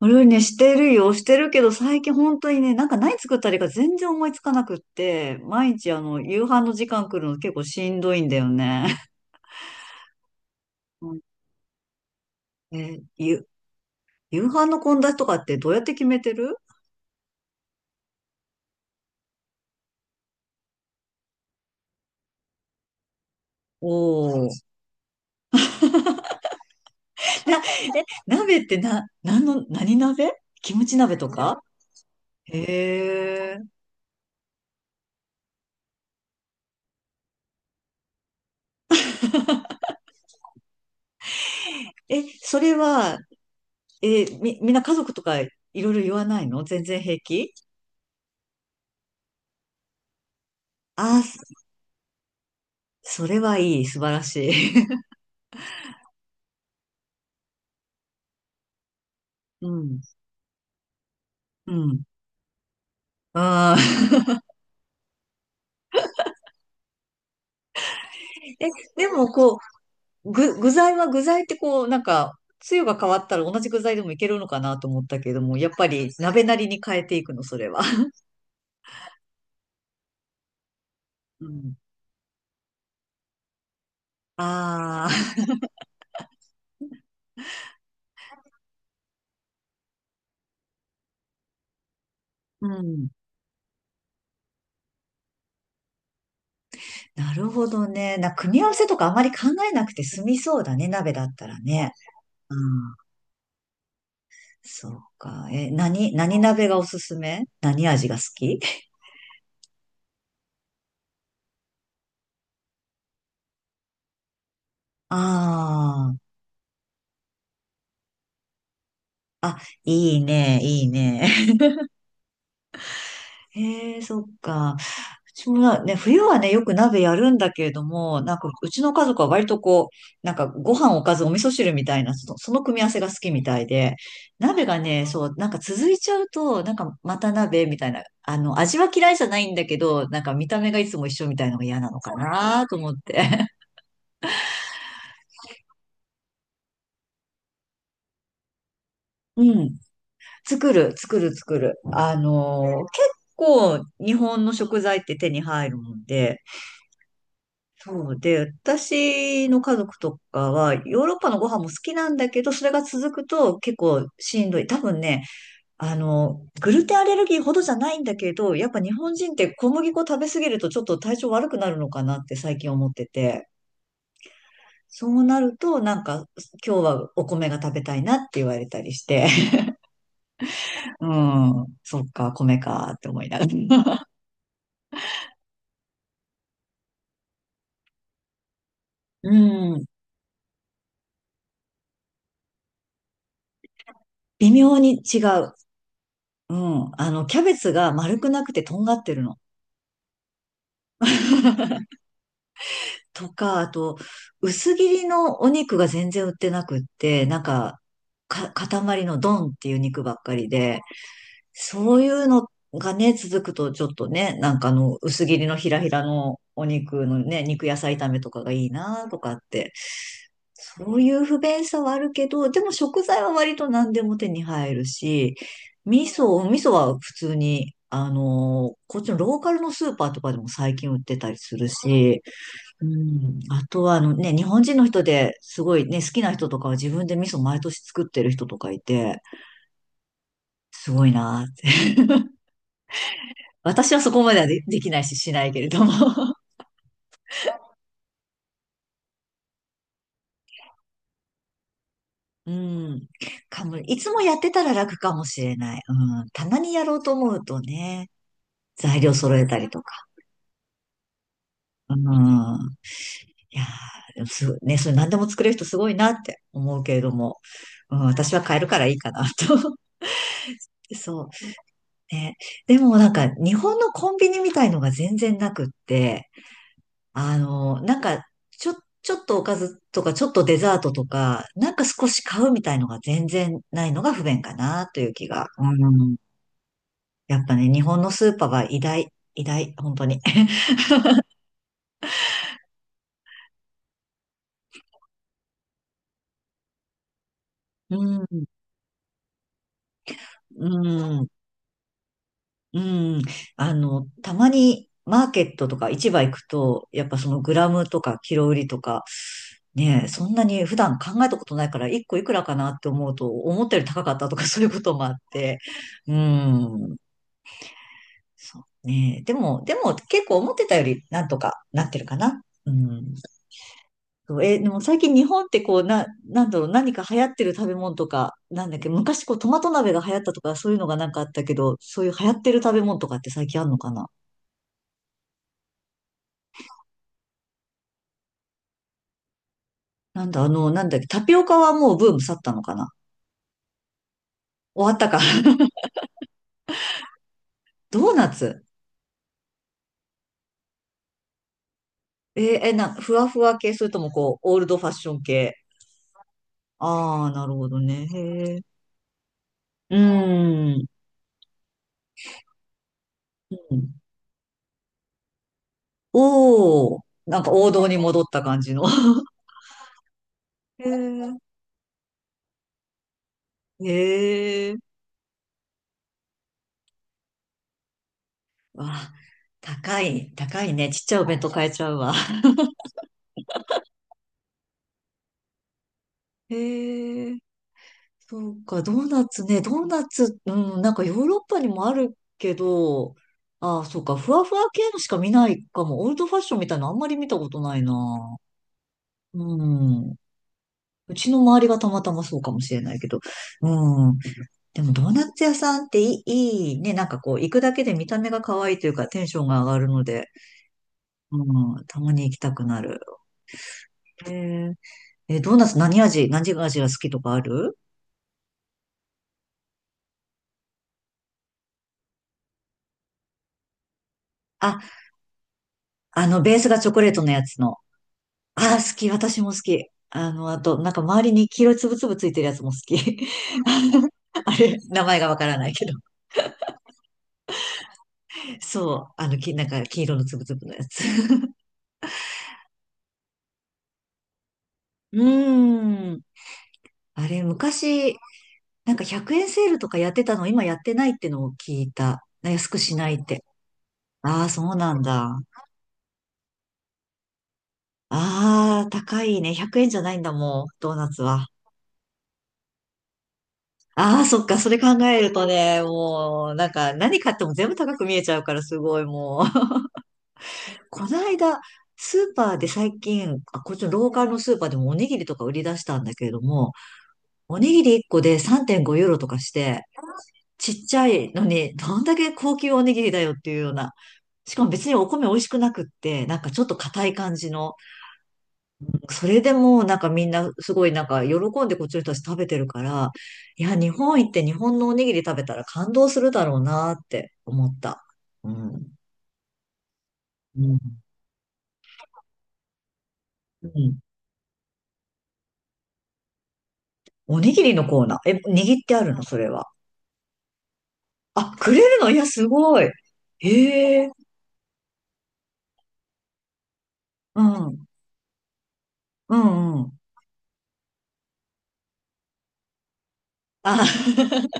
俺ね、してるよ、してるけど、最近本当にね、なんか何作ったらいいか全然思いつかなくって、毎日夕飯の時間来るの結構しんどいんだよね。うん。え、ゆ、夕飯の献立とかってどうやって決めてる？おおー。な、鍋ってな、何の、何鍋？キムチ鍋とか？へえ。え、それは、え、み、みんな家族とかいろいろ言わないの？全然平気？ああー、それはいい、素晴らしい。うん、うん。ああ。え、でも具材は具材ってこう、なんか、つゆが変わったら同じ具材でもいけるのかなと思ったけども、やっぱり鍋なりに変えていくの、それは？うん。ああ、うん。なるほどね。組み合わせとかあまり考えなくて済みそうだね、鍋だったらね。うん。そうか。何鍋がおすすめ？何味が好き？ ああ、いいね、いいね。へえ、そっか。うちもなね、冬はね、よく鍋やるんだけれども、なんか、うちの家族は割とこう、なんか、ご飯おかずお味噌汁みたいな、その組み合わせが好きみたいで、鍋がね、そう、なんか続いちゃうと、なんか、また鍋みたいな、味は嫌いじゃないんだけど、なんか見た目がいつも一緒みたいなのが嫌なのかなと思って。うん。作る、作る、作る。結構、日本の食材って手に入るもんで、そうで、私の家族とかは、ヨーロッパのご飯も好きなんだけど、それが続くと結構しんどい。多分ね、グルテンアレルギーほどじゃないんだけど、やっぱ日本人って小麦粉食べ過ぎるとちょっと体調悪くなるのかなって最近思ってて、そうなると、なんか、今日はお米が食べたいなって言われたりして、うん、そっか、米かって思いながら。うん、微妙に違う。うん、キャベツが丸くなくてとんがってるの。とか、あと、薄切りのお肉が全然売ってなくって、なんか、塊のドンっていう肉ばっかりで、そういうのがね、続くとちょっとね、なんか薄切りのひらひらのお肉のね、肉野菜炒めとかがいいなとかって、そういう不便さはあるけど、でも食材は割と何でも手に入るし、お味噌は普通に、こっちのローカルのスーパーとかでも最近売ってたりするし、うん。あとは、日本人の人ですごいね、好きな人とかは自分で味噌毎年作ってる人とかいて、すごいなーって。私はそこまではできないし、しないけれども。うん。かも、いつもやってたら楽かもしれない。うん。たまにやろうと思うとね、材料揃えたりとか。うん。いやー、でもすごい、ね、それ何でも作れる人すごいなって思うけれども、うん、私は買えるからいいかなと。そう。ね。でもなんか日本のコンビニみたいのが全然なくって、なんかちょ、ちょっとおかずとかちょっとデザートとか、なんか少し買うみたいのが全然ないのが不便かなという気が。うん。やっぱね、日本のスーパーは偉大、偉大、本当に。うん、うん、うん。たまにマーケットとか市場行くと、やっぱそのグラムとかキロ売りとか、ねえ、そんなに普段考えたことないから、一個いくらかなって思うと、思ったより高かったとか そういうこともあって、うん。そうねえ。でも結構思ってたよりなんとかなってるかな。うん。そうえ、でも最近日本ってこう、なんだろう、何か流行ってる食べ物とか、なんだっけ、昔こうトマト鍋が流行ったとか、そういうのがなんかあったけど、そういう流行ってる食べ物とかって最近あるのかな？なんだ、なんだっけ、タピオカはもうブーム去ったのかな？終わったか。ドーナツ？えーえ、な、ふわふわ系、それともこう、オールドファッション系？ああ、なるほどね。へえ。うーん。うん。おお、なんか王道に戻った感じの。へえ。へえ。わあ、高い、高いね。ちっちゃいお弁当買えちゃうわ。へえ。そうか、ドーナツね、ドーナツ、うん、なんかヨーロッパにもあるけど、ああ、そうか、ふわふわ系のしか見ないかも。オールドファッションみたいなのあんまり見たことないな。うん。うちの周りがたまたまそうかもしれないけど。うん。でもドーナツ屋さんっていいね。なんかこう、行くだけで見た目が可愛いというか、テンションが上がるので、うん、たまに行きたくなる。えー、ドーナツ何味、何味が好きとかある？あ、ベースがチョコレートのやつの。ああ、好き。私も好き。あと、なんか周りに黄色いつぶつぶついてるやつも好き。あれ、名前がわからないけど。そう。なんか黄色のつぶつぶのやつ。うーん。あれ、昔、なんか100円セールとかやってたの、今やってないってのを聞いた。ね、安くしないって。ああ、そうなんだ。ああ、高いね。100円じゃないんだ、もう、ドーナツは。ああ、そっか。それ考えるとね、もう、なんか、何買っても全部高く見えちゃうから、すごい、もう。この間、スーパーで最近、あ、こっちのローカルのスーパーでもおにぎりとか売り出したんだけれども、おにぎり1個で3.5ユーロとかして、ちっちゃいのに、どんだけ高級おにぎりだよっていうような。しかも別にお米美味しくなくって、なんかちょっと硬い感じの。それでもなんかみんなすごいなんか喜んでこっちの人たち食べてるから、いや、日本行って日本のおにぎり食べたら感動するだろうなって思った。うん。うん。うん。おにぎりのコーナー。え、握ってあるの？それは。あ、くれるの？いや、すごい。へえ、うん、うん、うん。あ、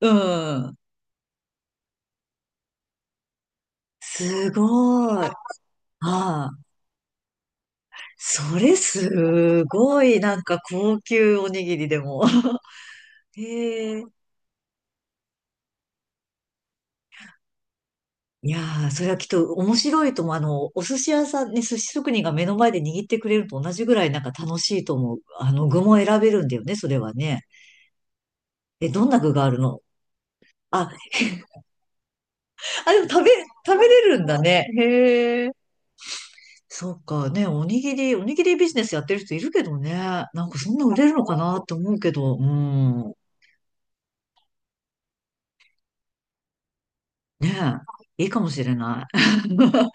うん。すごい。ああ、それすごい、なんか高級おにぎりでも。へえ。いやー、それはきっと面白いと思う。お寿司屋さんに寿司職人が目の前で握ってくれると同じぐらいなんか楽しいと思う。具も選べるんだよね、それはね。え、どんな具があるの？あ、あ、でも食べれるんだね。へえ。そうかね、おにぎりビジネスやってる人いるけどね。なんかそんな売れるのかなって思うけど、うん。ねえ、いいかもしれない。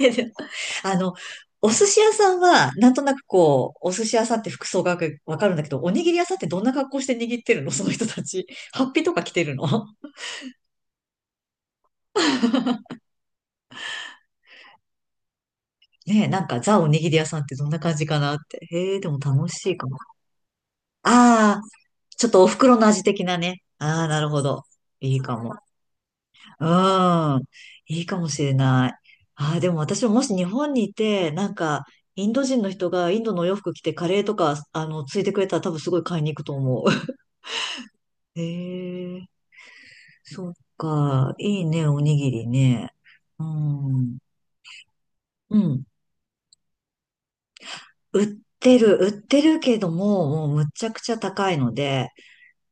えでもあの、お寿司屋さんは、なんとなくこう、お寿司屋さんって服装がわかるんだけど、おにぎり屋さんってどんな格好して握ってるの？ その人たち。ハッピーとか着てるの？ ねえ、なんかザおにぎり屋さんってどんな感じかなって。へえ、でも楽しいかも。ああ、ちょっとお袋の味的なね。ああ、なるほど。いいかも。うん。いいかもしれない。ああ、でも私ももし日本にいて、なんか、インド人の人がインドのお洋服着てカレーとか、ついてくれたら多分すごい買いに行くと思う。へえ、そっか。いいね、おにぎりね。うん。うん。売ってる、売ってるけども、もうむっちゃくちゃ高いので、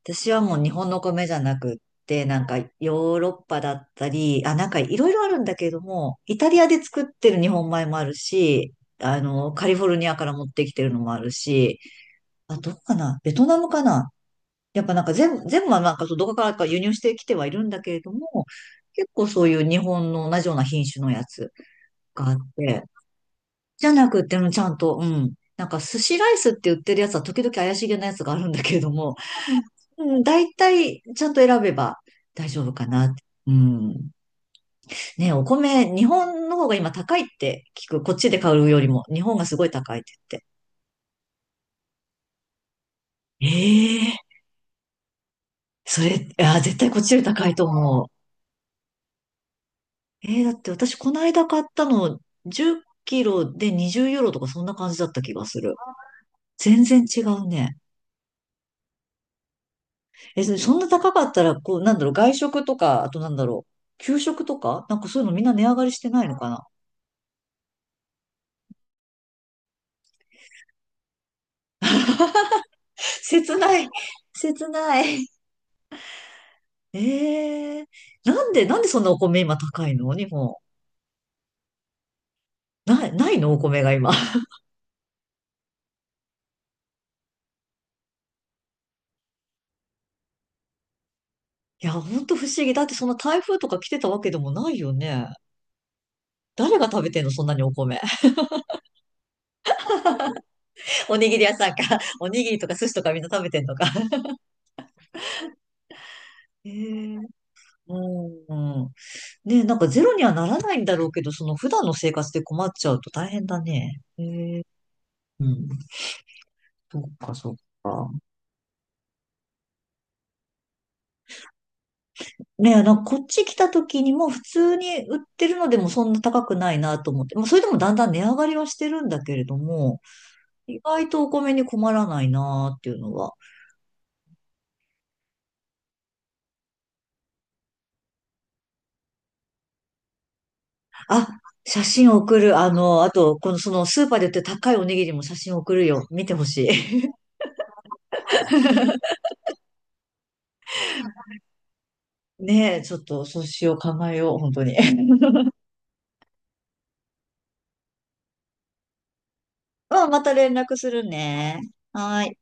私はもう日本の米じゃなくって、なんかヨーロッパだったり、あ、なんかいろいろあるんだけれども、イタリアで作ってる日本米もあるし、カリフォルニアから持ってきてるのもあるし、あ、どこかなベトナムかな。やっぱなんか全部はなんかそうどこからか輸入してきてはいるんだけれども、結構そういう日本の同じような品種のやつがあって、じゃなくってもちゃんと、うん。なんか寿司ライスって売ってるやつは時々怪しげなやつがあるんだけれども、うん、大体ちゃんと選べば大丈夫かなって。うん。ね、お米、日本の方が今高いって聞く。こっちで買うよりも、日本がすごい高いって言って。ええ、それ、あ、絶対こっちより高いと思う。ええ、だって私この間買ったの10キロで20ユーロとかそんな感じだった気がする。全然違うね。え、そそんな高かったら、こう、なんだろう、外食とか、あとなんだろう、給食とかなんかそういうのみんな値上がりしてないのかな。切ない。切ない。ええ、なんでそんなお米今高いの日本？ない、ないのお米が今。いや、ほんと不思議。だってそんな台風とか来てたわけでもないよね。誰が食べてんのそんなにお米？おにぎり屋さんか。おにぎりとか寿司とかみんな食べてんのか。ええ、うんうん。ねえ、なんかゼロにはならないんだろうけど、その普段の生活で困っちゃうと大変だね。ええ、うん。そっか、そっか。ねえ、なんかこっち来た時にも普通に売ってるのでもそんな高くないなと思って、まあ、それでもだんだん値上がりはしてるんだけれども、意外とお米に困らないなっていうのは。あ、写真送る。あと、そのスーパーで売ってる高いおにぎりも写真送るよ。見てほしい。ねえ、ちょっとそうしよう、考えよう、本当に。まあ、また連絡するね。はーい。